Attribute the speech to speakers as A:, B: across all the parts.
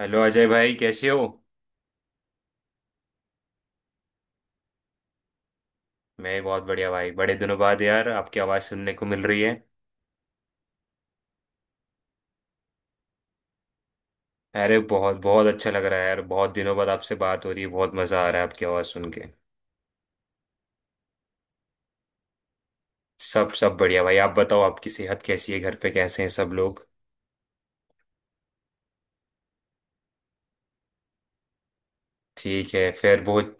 A: Hello Ajay भाई कैसे हो। मैं बहुत बढ़िया भाई, बड़े दिनों बाद यार आपकी आवाज़ सुनने को मिल रही है। अरे बहुत बहुत अच्छा लग रहा है यार, बहुत दिनों बाद आपसे बात हो रही है, बहुत मज़ा आ रहा है आपकी आवाज़ सुन के। सब सब बढ़िया भाई, आप बताओ, आपकी सेहत कैसी है? घर पे कैसे हैं सब लोग? ठीक है फिर बहुत।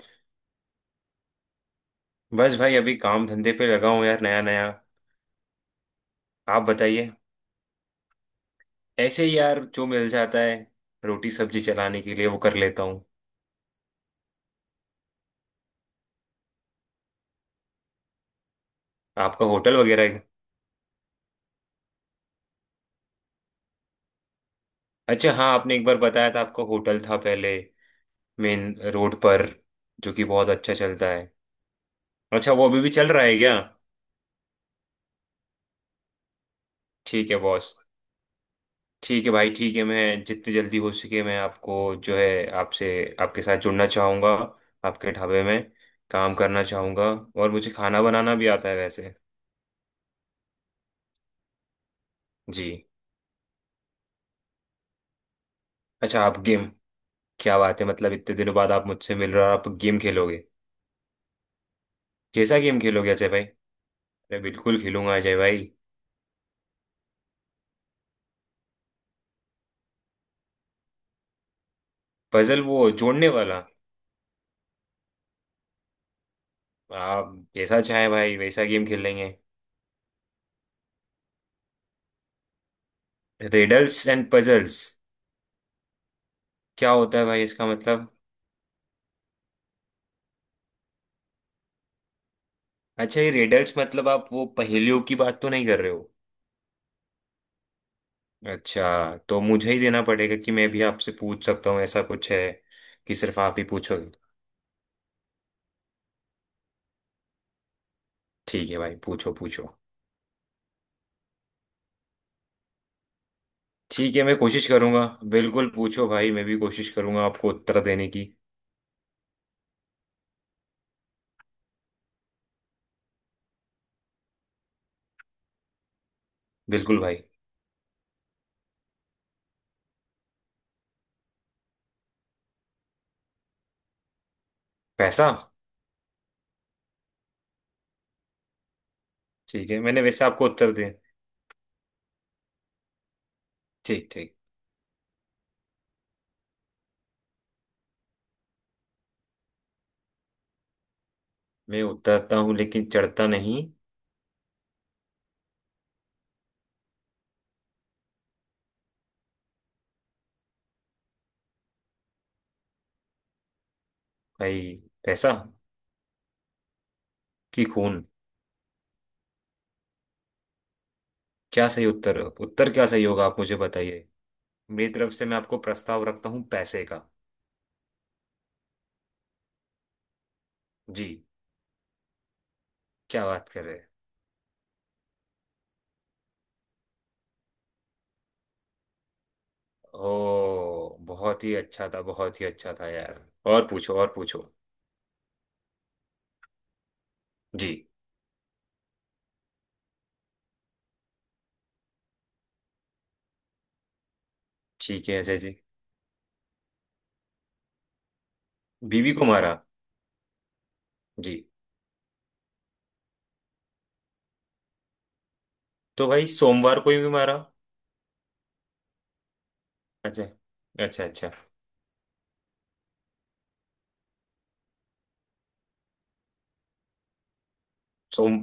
A: बस भाई, अभी काम धंधे पे लगा हूँ यार, नया नया। आप बताइए। ऐसे ही यार, जो मिल जाता है रोटी सब्जी चलाने के लिए, वो कर लेता हूँ। आपका होटल वगैरह है? अच्छा हाँ, आपने एक बार बताया था, आपका होटल था पहले मेन रोड पर, जो कि बहुत अच्छा चलता है। अच्छा, वो अभी भी चल रहा है क्या? ठीक है बॉस। ठीक है भाई, ठीक है, मैं जितनी जल्दी हो सके मैं आपको, जो है, आपसे, आपके साथ जुड़ना चाहूँगा, आपके ढाबे में काम करना चाहूँगा। और मुझे खाना बनाना भी आता है वैसे। जी। अच्छा, आप गेम, क्या बात है, मतलब इतने दिनों बाद आप मुझसे मिल रहे हो और आप गेम खेलोगे? कैसा गेम खेलोगे अजय भाई? अरे बिल्कुल खेलूंगा अजय भाई। पजल, वो जोड़ने वाला? आप जैसा चाहे भाई, वैसा गेम खेल लेंगे। Riddles and puzzles? क्या होता है भाई इसका मतलब? अच्छा, ये रेडल्स मतलब आप वो पहेलियों की बात तो नहीं कर रहे हो? अच्छा, तो मुझे ही देना पड़ेगा कि मैं भी आपसे पूछ सकता हूँ, ऐसा कुछ है कि सिर्फ आप ही पूछोगे? ठीक है भाई, पूछो पूछो। ठीक है, मैं कोशिश करूंगा। बिल्कुल पूछो भाई, मैं भी कोशिश करूंगा आपको उत्तर देने की। बिल्कुल भाई। पैसा। ठीक है, मैंने वैसे आपको उत्तर दिया। ठीक ठीक। मैं उतरता हूँ लेकिन चढ़ता नहीं। भाई पैसा, कि खून, क्या सही उत्तर उत्तर क्या सही होगा आप मुझे बताइए। मेरी तरफ से मैं आपको प्रस्ताव रखता हूँ पैसे का। जी। क्या बात कर रहे हैं? ओ, बहुत ही अच्छा था, बहुत ही अच्छा था यार। और पूछो, और पूछो। जी। ठीक है, ऐसे जी। बीवी को मारा। जी। तो भाई सोमवार को ही भी मारा? अच्छा अच्छा अच्छा। सोम।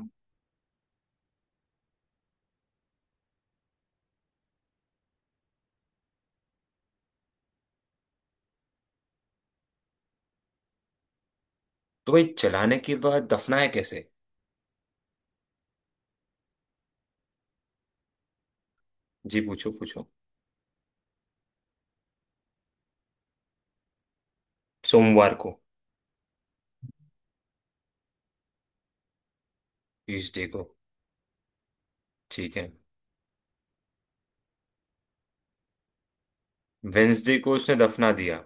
A: तो भाई जलाने के बाद दफनाया कैसे? जी, पूछो पूछो। सोमवार को। ट्यूसडे को। ठीक है। वेंसडे को उसने दफना दिया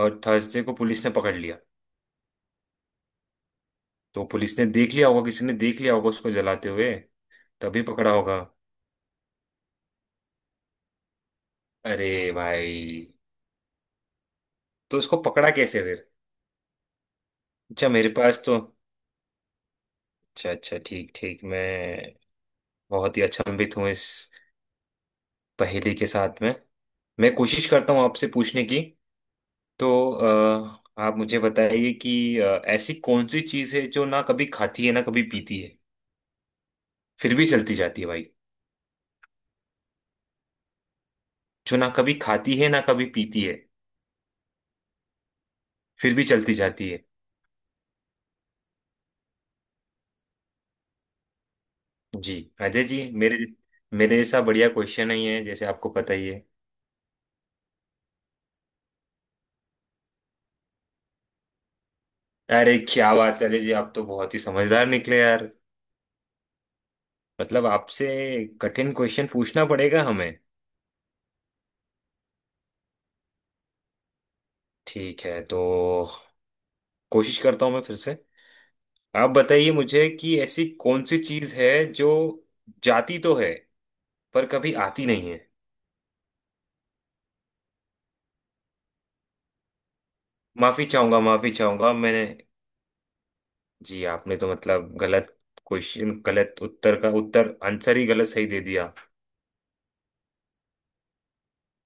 A: और थर्सडे को पुलिस ने पकड़ लिया। तो पुलिस ने देख लिया होगा, किसी ने देख लिया होगा उसको जलाते हुए, तभी पकड़ा होगा। अरे भाई, तो उसको पकड़ा कैसे फिर? अच्छा, मेरे पास तो, अच्छा अच्छा ठीक ठीक, मैं बहुत ही अचंभित हूँ इस पहेली के साथ में। मैं कोशिश करता हूँ आपसे पूछने की। तो आप मुझे बताइए कि ऐसी कौन सी चीज़ है जो ना कभी खाती है ना कभी पीती है, फिर भी चलती जाती है भाई? जो ना कभी खाती है ना कभी पीती है, फिर भी चलती जाती है। जी अजय जी, मेरे मेरे जैसा बढ़िया क्वेश्चन नहीं है, जैसे आपको पता ही है। अरे क्या बात है अजय जी, आप तो बहुत ही समझदार निकले यार। मतलब आपसे कठिन क्वेश्चन पूछना पड़ेगा हमें। ठीक है, तो कोशिश करता हूँ मैं फिर से। आप बताइए मुझे कि ऐसी कौन सी चीज है जो जाती तो है, पर कभी आती नहीं है? माफी चाहूंगा, मैंने, जी आपने तो मतलब गलत क्वेश्चन, गलत उत्तर का उत्तर, आंसर ही गलत सही दे दिया।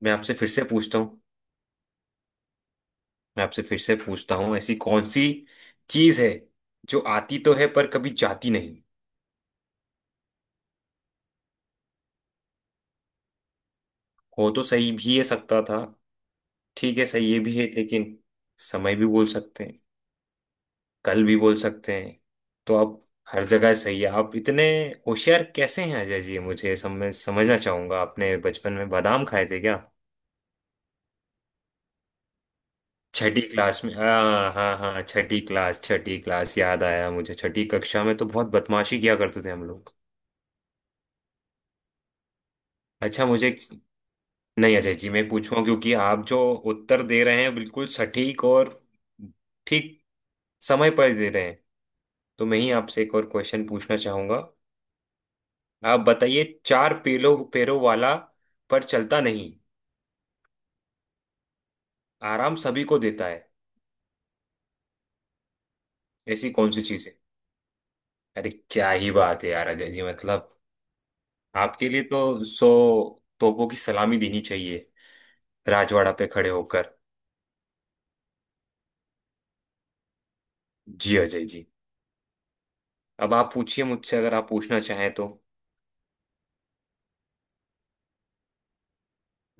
A: मैं आपसे फिर से पूछता हूँ मैं आपसे फिर से पूछता हूँ, ऐसी कौन सी चीज है जो आती तो है, पर कभी जाती नहीं? हो तो सही भी है सकता था। ठीक है, सही ये भी है लेकिन, समय भी बोल सकते हैं, कल भी बोल सकते हैं। तो आप हर जगह सही है, आप इतने होशियार कैसे हैं अजय जी? मुझे समझना चाहूंगा, आपने बचपन में बादाम खाए थे क्या? छठी क्लास में, हाँ हाँ हाँ, छठी क्लास, छठी क्लास याद आया मुझे। छठी कक्षा में तो बहुत बदमाशी किया करते थे हम लोग। अच्छा मुझे, नहीं अजय जी मैं पूछूं, क्योंकि आप जो उत्तर दे रहे हैं बिल्कुल सटीक और ठीक समय पर दे रहे हैं, तो मैं ही आपसे एक और क्वेश्चन पूछना चाहूंगा। आप बताइए, चार पेलो पैरों वाला, पर चलता नहीं, आराम सभी को देता है, ऐसी कौन सी चीज है? अरे क्या ही बात है यार अजय जी, मतलब आपके लिए तो सौ तोपों की सलामी देनी चाहिए, राजवाड़ा पे खड़े होकर। जी अजय जी, अब आप पूछिए मुझसे, अगर आप पूछना चाहें तो।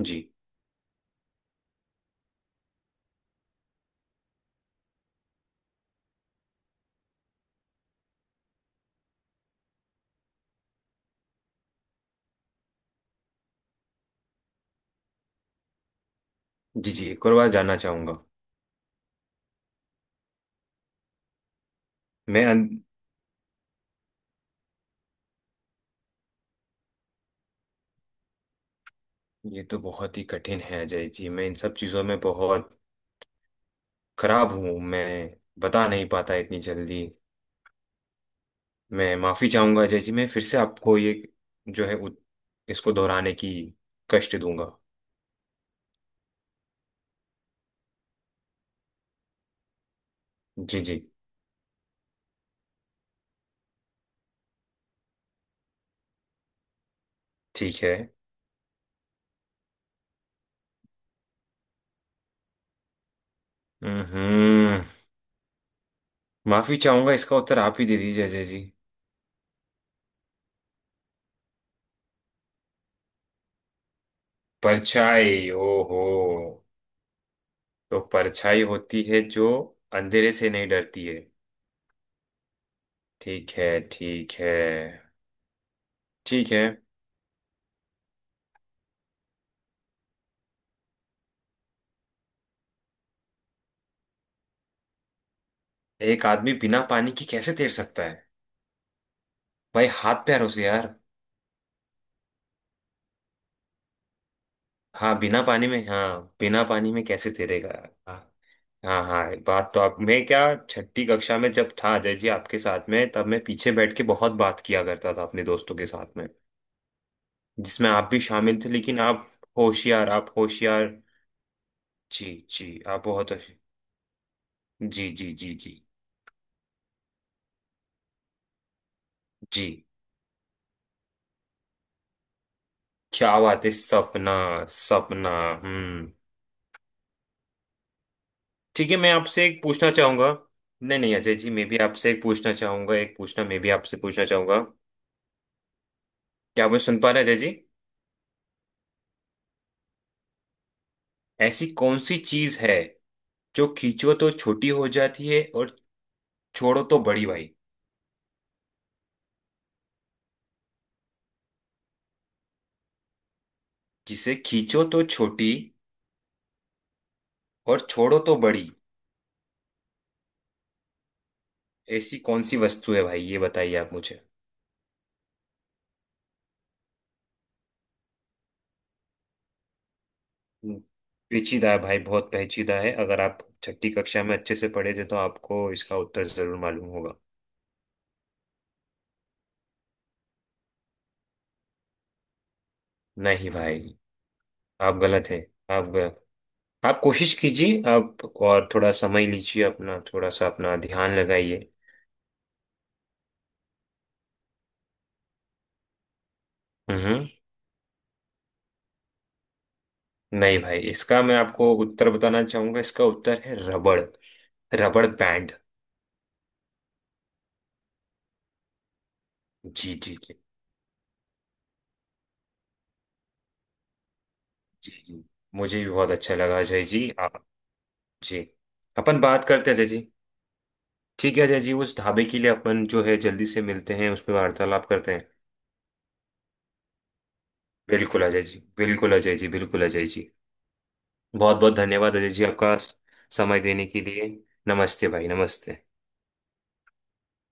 A: जी जी। जी, एक और बार जानना चाहूंगा। मैं अन... ये तो बहुत ही कठिन है अजय जी, मैं इन सब चीज़ों में बहुत खराब हूँ, मैं बता नहीं पाता इतनी जल्दी। मैं माफ़ी चाहूंगा अजय जी, मैं फिर से आपको ये, जो है उत- इसको दोहराने की कष्ट दूंगा। जी जी, ठीक है। हम्म। माफ़ी चाहूंगा, इसका उत्तर आप ही दे दीजिए अजय जी। परछाई, ओहो। तो परछाई होती है जो अंधेरे से नहीं डरती है। ठीक है ठीक है। ठीक है। एक आदमी बिना पानी की कैसे तैर सकता है? भाई हाथ पैर उसे यार। हाँ, बिना पानी में, हाँ बिना पानी में कैसे तैरेगा? हाँ। हाँ हाँ, बात तो आप, मैं क्या, छठी कक्षा में जब था अजय जी आपके साथ में, तब मैं पीछे बैठ के बहुत बात किया करता था अपने दोस्तों के साथ में, जिसमें आप भी शामिल थे, लेकिन आप होशियार, आप होशियार। जी जी, आप बहुत जी जी जी जी। जी, क्या बात है, सपना, सपना। हम्म। ठीक है, मैं आपसे एक पूछना चाहूंगा। नहीं नहीं अजय जी, मैं भी आपसे एक पूछना चाहूंगा, एक पूछना मैं भी आपसे पूछना चाहूंगा। क्या मैं सुन पा रहे हैं, अजय जी? ऐसी कौन सी चीज है जो खींचो तो छोटी हो जाती है, और छोड़ो तो बड़ी भाई? जिसे खींचो तो छोटी, और छोड़ो तो बड़ी, ऐसी कौन सी वस्तु है भाई? ये बताइए आप मुझे। हम्म, पेचीदा है भाई, बहुत पेचीदा है। अगर आप छठी कक्षा में अच्छे से पढ़े थे तो आपको इसका उत्तर जरूर मालूम होगा। नहीं भाई, आप गलत हैं। आप आप कोशिश कीजिए, आप और थोड़ा समय लीजिए अपना, थोड़ा सा अपना ध्यान लगाइए। हम्म। नहीं भाई, इसका मैं आपको उत्तर बताना चाहूंगा, इसका उत्तर है रबड़, रबड़ बैंड। जी जी जी जी। जी, मुझे भी बहुत अच्छा लगा अजय जी आप। जी, अपन बात करते हैं अजय जी। ठीक है अजय जी, उस ढाबे के लिए अपन जो है जल्दी से मिलते हैं, उस पर वार्तालाप करते हैं। बिल्कुल अजय जी, बिल्कुल अजय जी, बिल्कुल अजय जी। बहुत बहुत धन्यवाद अजय जी आपका, समय देने के लिए। नमस्ते भाई, नमस्ते।